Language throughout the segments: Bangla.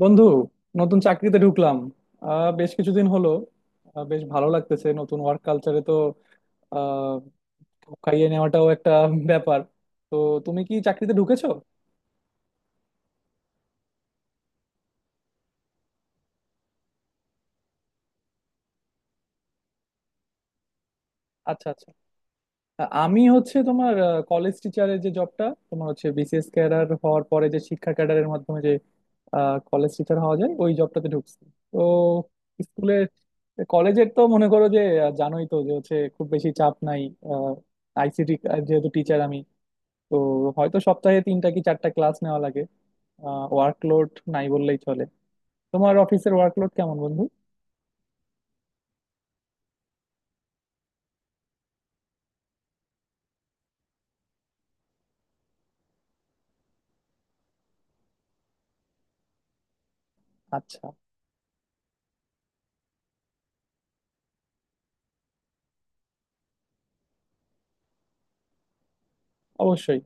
বন্ধু, নতুন চাকরিতে ঢুকলাম। বেশ কিছুদিন হলো। বেশ ভালো লাগতেছে নতুন ওয়ার্ক কালচারে। তো আহ খাইয়ে নেওয়াটাও একটা ব্যাপার। তো তুমি কি চাকরিতে ঢুকেছো? আচ্ছা, আচ্ছা। আমি হচ্ছে তোমার কলেজ টিচারের যে জবটা, তোমার হচ্ছে বিসিএস ক্যাডার হওয়ার পরে যে শিক্ষা ক্যাডারের মাধ্যমে যে কলেজ টিচার হওয়া যায়, ওই জবটাতে ঢুকছি। তো স্কুলের, কলেজের তো মনে করো যে জানোই তো যে হচ্ছে খুব বেশি চাপ নাই। আইসিটি যেহেতু টিচার আমি, তো হয়তো সপ্তাহে তিনটা কি চারটা ক্লাস নেওয়া লাগে। ওয়ার্কলোড নাই বললেই চলে। তোমার অফিসের ওয়ার্কলোড কেমন, বন্ধু? আচ্ছা। অবশ্যই।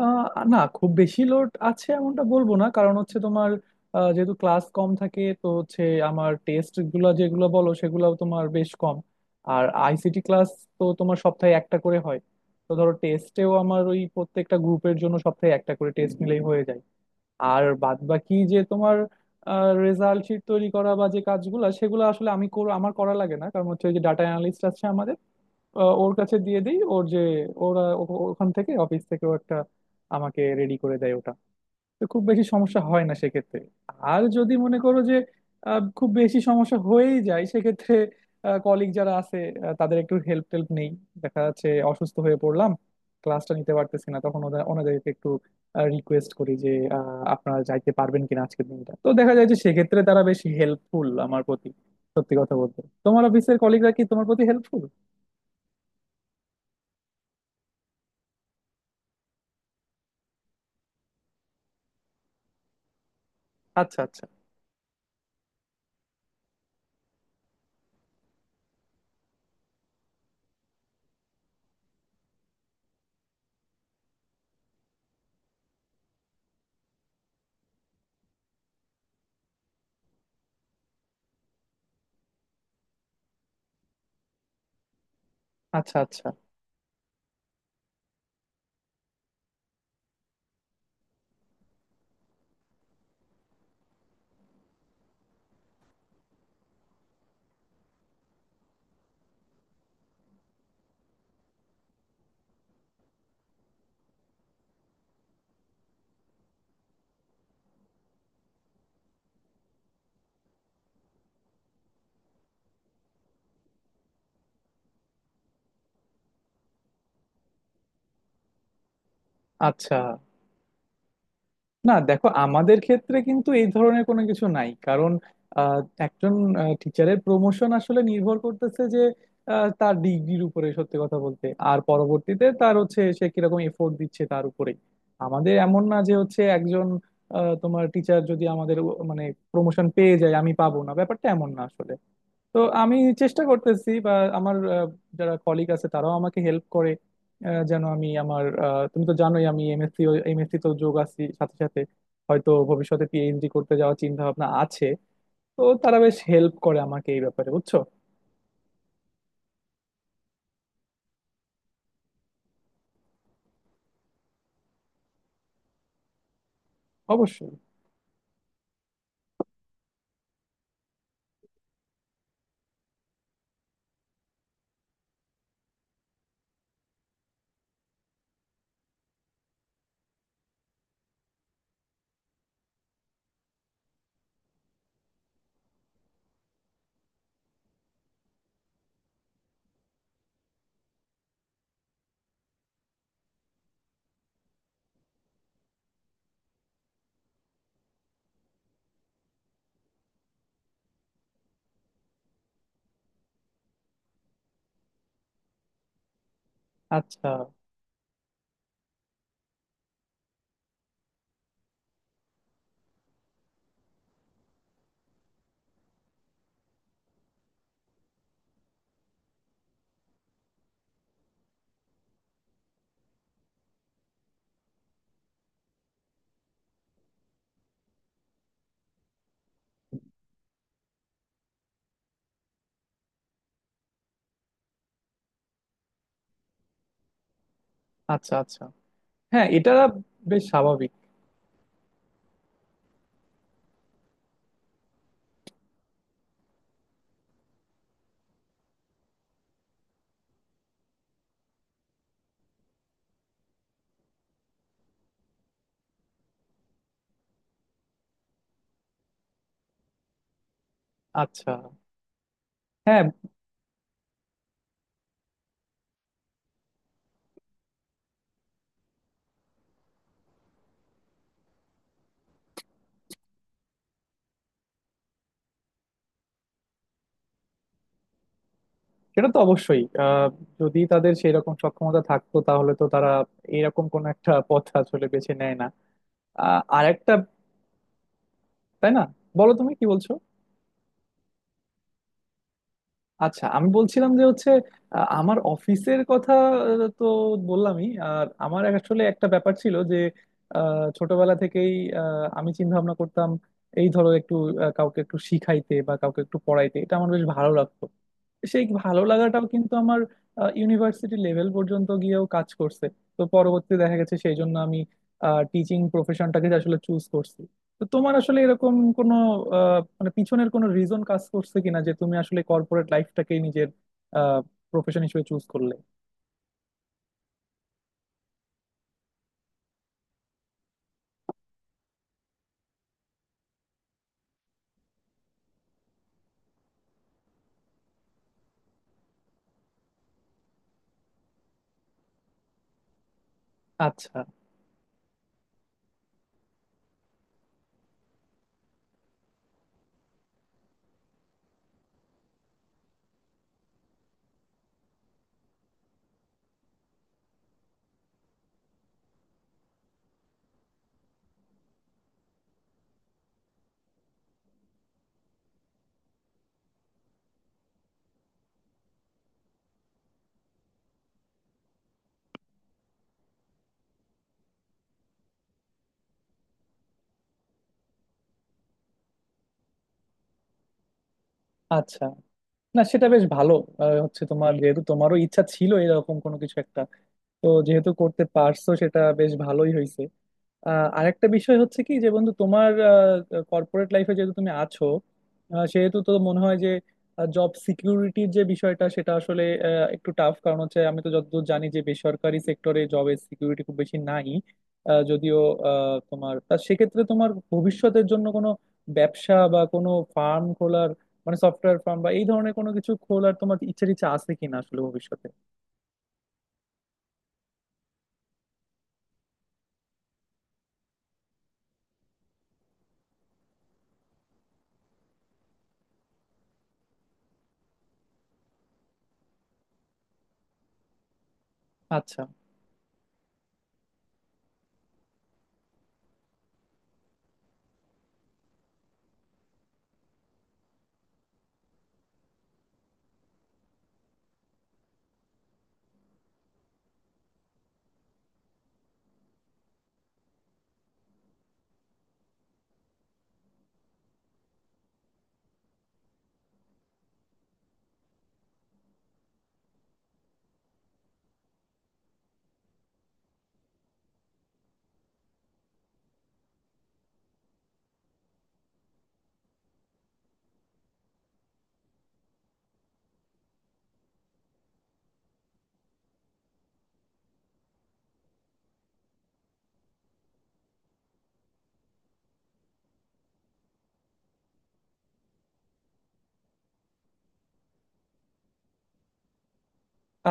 আহ, না, খুব বেশি লোড আছে এমনটা বলবো না, কারণ হচ্ছে তোমার যেহেতু ক্লাস কম থাকে, তো হচ্ছে আমার টেস্ট গুলো যেগুলো বলো সেগুলোও তোমার বেশ কম। আর আইসিটি ক্লাস তো তোমার সপ্তাহে একটা করে হয়। তো ধরো টেস্টেও আমার ওই প্রত্যেকটা গ্রুপের জন্য সপ্তাহে একটা করে টেস্ট নিলেই হয়ে যায়। আর বাদ বাকি যে তোমার রেজাল্ট শিট তৈরি করা বা যে কাজগুলো, সেগুলো আসলে আমি আমার করা লাগে না, কারণ হচ্ছে ওই যে ডাটা অ্যানালিস্ট আছে আমাদের, ওর কাছে দিয়ে দিই। ওর যে ওরা ওখান থেকে, অফিস থেকে ও একটা আমাকে রেডি করে দেয় ওটা। তো খুব বেশি সমস্যা হয় না সেক্ষেত্রে। আর যদি মনে করো যে খুব বেশি সমস্যা হয়েই যায় সেক্ষেত্রে কলিগ যারা আছে, তাদের একটু হেল্প টেল্প নেই। দেখা যাচ্ছে অসুস্থ হয়ে পড়লাম, ক্লাসটা নিতে পারতেছি না, তখন ওদের, ওনাদেরকে একটু রিকোয়েস্ট করি যে আপনারা যাইতে পারবেন কিনা আজকের দিনটা। তো দেখা যায় যে সেক্ষেত্রে তারা বেশ হেল্পফুল আমার প্রতি, সত্যি কথা বলতে। তোমার অফিসের কলিগরা কি তোমার প্রতি হেল্পফুল? আচ্ছা, আচ্ছা, আচ্ছা, আচ্ছা, আচ্ছা। না দেখো, আমাদের ক্ষেত্রে কিন্তু এই ধরনের কোনো কিছু নাই, কারণ আহ, একজন টিচারের প্রমোশন আসলে নির্ভর করতেছে যে তার ডিগ্রির উপরে, সত্যি কথা বলতে, আর পরবর্তীতে তার হচ্ছে সে কিরকম এফোর্ট দিচ্ছে তার উপরে। আমাদের এমন না যে হচ্ছে একজন, তোমার টিচার যদি আমাদের মানে প্রমোশন পেয়ে যায়, আমি পাবো না, ব্যাপারটা এমন না আসলে। তো আমি চেষ্টা করতেছি বা আমার যারা কলিগ আছে তারাও আমাকে হেল্প করে যেন আমি আমার, তুমি তো জানোই আমি এমএসসি এমএসসি তো যোগ আছি সাথে সাথে, হয়তো ভবিষ্যতে পিএইচডি করতে যাওয়ার চিন্তা ভাবনা আছে। তো তারা বেশ হেল্প করে আমাকে এই ব্যাপারে, বুঝছো? অবশ্যই। আচ্ছা, আচ্ছা, আচ্ছা। হ্যাঁ, এটা বেশ স্বাভাবিক। আচ্ছা। হ্যাঁ, সেটা তো অবশ্যই। যদি তাদের সেই রকম সক্ষমতা থাকতো তাহলে তো তারা এরকম কোন একটা পথ আসলে বেছে নেয় না। আরেকটা, তাই না? বলো, তুমি কি বলছো? আচ্ছা, আমি বলছিলাম যে হচ্ছে আমার অফিসের কথা। তো বললামই। আর আমার আসলে একটা ব্যাপার ছিল যে ছোটবেলা থেকেই আমি চিন্তা ভাবনা করতাম এই ধরো একটু, কাউকে একটু শিখাইতে বা কাউকে একটু পড়াইতে, এটা আমার বেশ ভালো লাগতো। সেই ভালো লাগাটাও কিন্তু আমার ইউনিভার্সিটি লেভেল পর্যন্ত গিয়েও কাজ করছে। তো পরবর্তী দেখা গেছে সেই জন্য আমি টিচিং প্রফেশনটাকে আসলে চুজ করছি। তো তোমার আসলে এরকম কোনো, মানে পিছনের কোনো রিজন কাজ করছে কিনা যে তুমি আসলে কর্পোরেট লাইফটাকেই নিজের প্রফেশন হিসেবে চুজ করলে? আচ্ছা, আচ্ছা। না, সেটা বেশ ভালো। হচ্ছে তোমার যেহেতু তোমারও ইচ্ছা ছিল এরকম কোনো কিছু একটা, তো যেহেতু করতে পারছো, সেটা বেশ ভালোই হয়েছে। আরেকটা বিষয় হচ্ছে কি যে বন্ধু, তোমার কর্পোরেট লাইফে যেহেতু তুমি আছো, সেহেতু তো মনে হয় যে জব সিকিউরিটির যে বিষয়টা সেটা আসলে একটু টাফ, কারণ হচ্ছে আমি তো যতদূর জানি যে বেসরকারি সেক্টরে জবের সিকিউরিটি খুব বেশি নাই। যদিও তোমার তা সেক্ষেত্রে তোমার ভবিষ্যতের জন্য কোনো ব্যবসা বা কোনো ফার্ম খোলার, মানে সফটওয়্যার ফার্ম বা এই ধরনের কোনো কিছু খোলার তোমার ইচ্ছা টিচ্ছা আছে কিনা আসলে ভবিষ্যতে? আচ্ছা,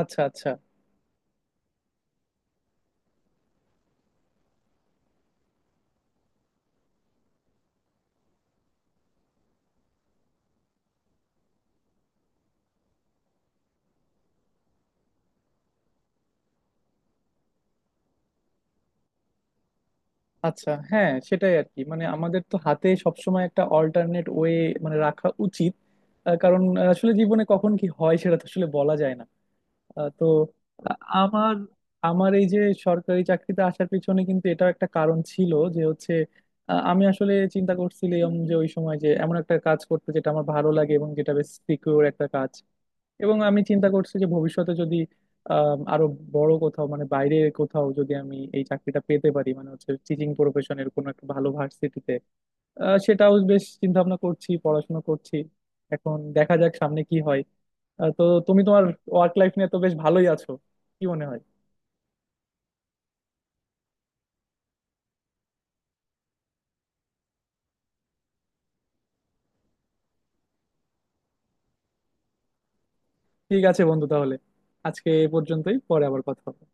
আচ্ছা, আচ্ছা, আচ্ছা। হ্যাঁ, সেটাই আর কি, মানে আমাদের তো হাতে সবসময় একটা অল্টারনেট ওয়ে মানে রাখা উচিত। কারণ আসলে জীবনে কখন কি হয় সেটা তো আসলে বলা যায় না। তো আ- আমার আমার এই যে সরকারি চাকরিতে আসার পিছনে কিন্তু এটাও একটা কারণ ছিল যে হচ্ছে আমি আসলে চিন্তা করছিলাম যে ওই সময় যে এমন একটা কাজ করতে যেটা আমার ভালো লাগে এবং যেটা বেশ সিকিউর একটা কাজ। এবং আমি চিন্তা করছি যে ভবিষ্যতে যদি আরো বড় কোথাও, মানে বাইরে কোথাও যদি আমি এই চাকরিটা পেতে পারি, মানে হচ্ছে টিচিং প্রফেশনের কোনো একটা ভালো ভার্সিটিতে, সেটাও বেশ চিন্তা ভাবনা করছি, পড়াশোনা করছি। এখন দেখা যাক সামনে কি হয়। তো তুমি তোমার ওয়ার্ক লাইফ নিয়ে তো বেশ ভালোই আছো, কি মনে হয়? ঠিক আছে বন্ধু, তাহলে আজকে এ পর্যন্তই, পরে আবার কথা হবে।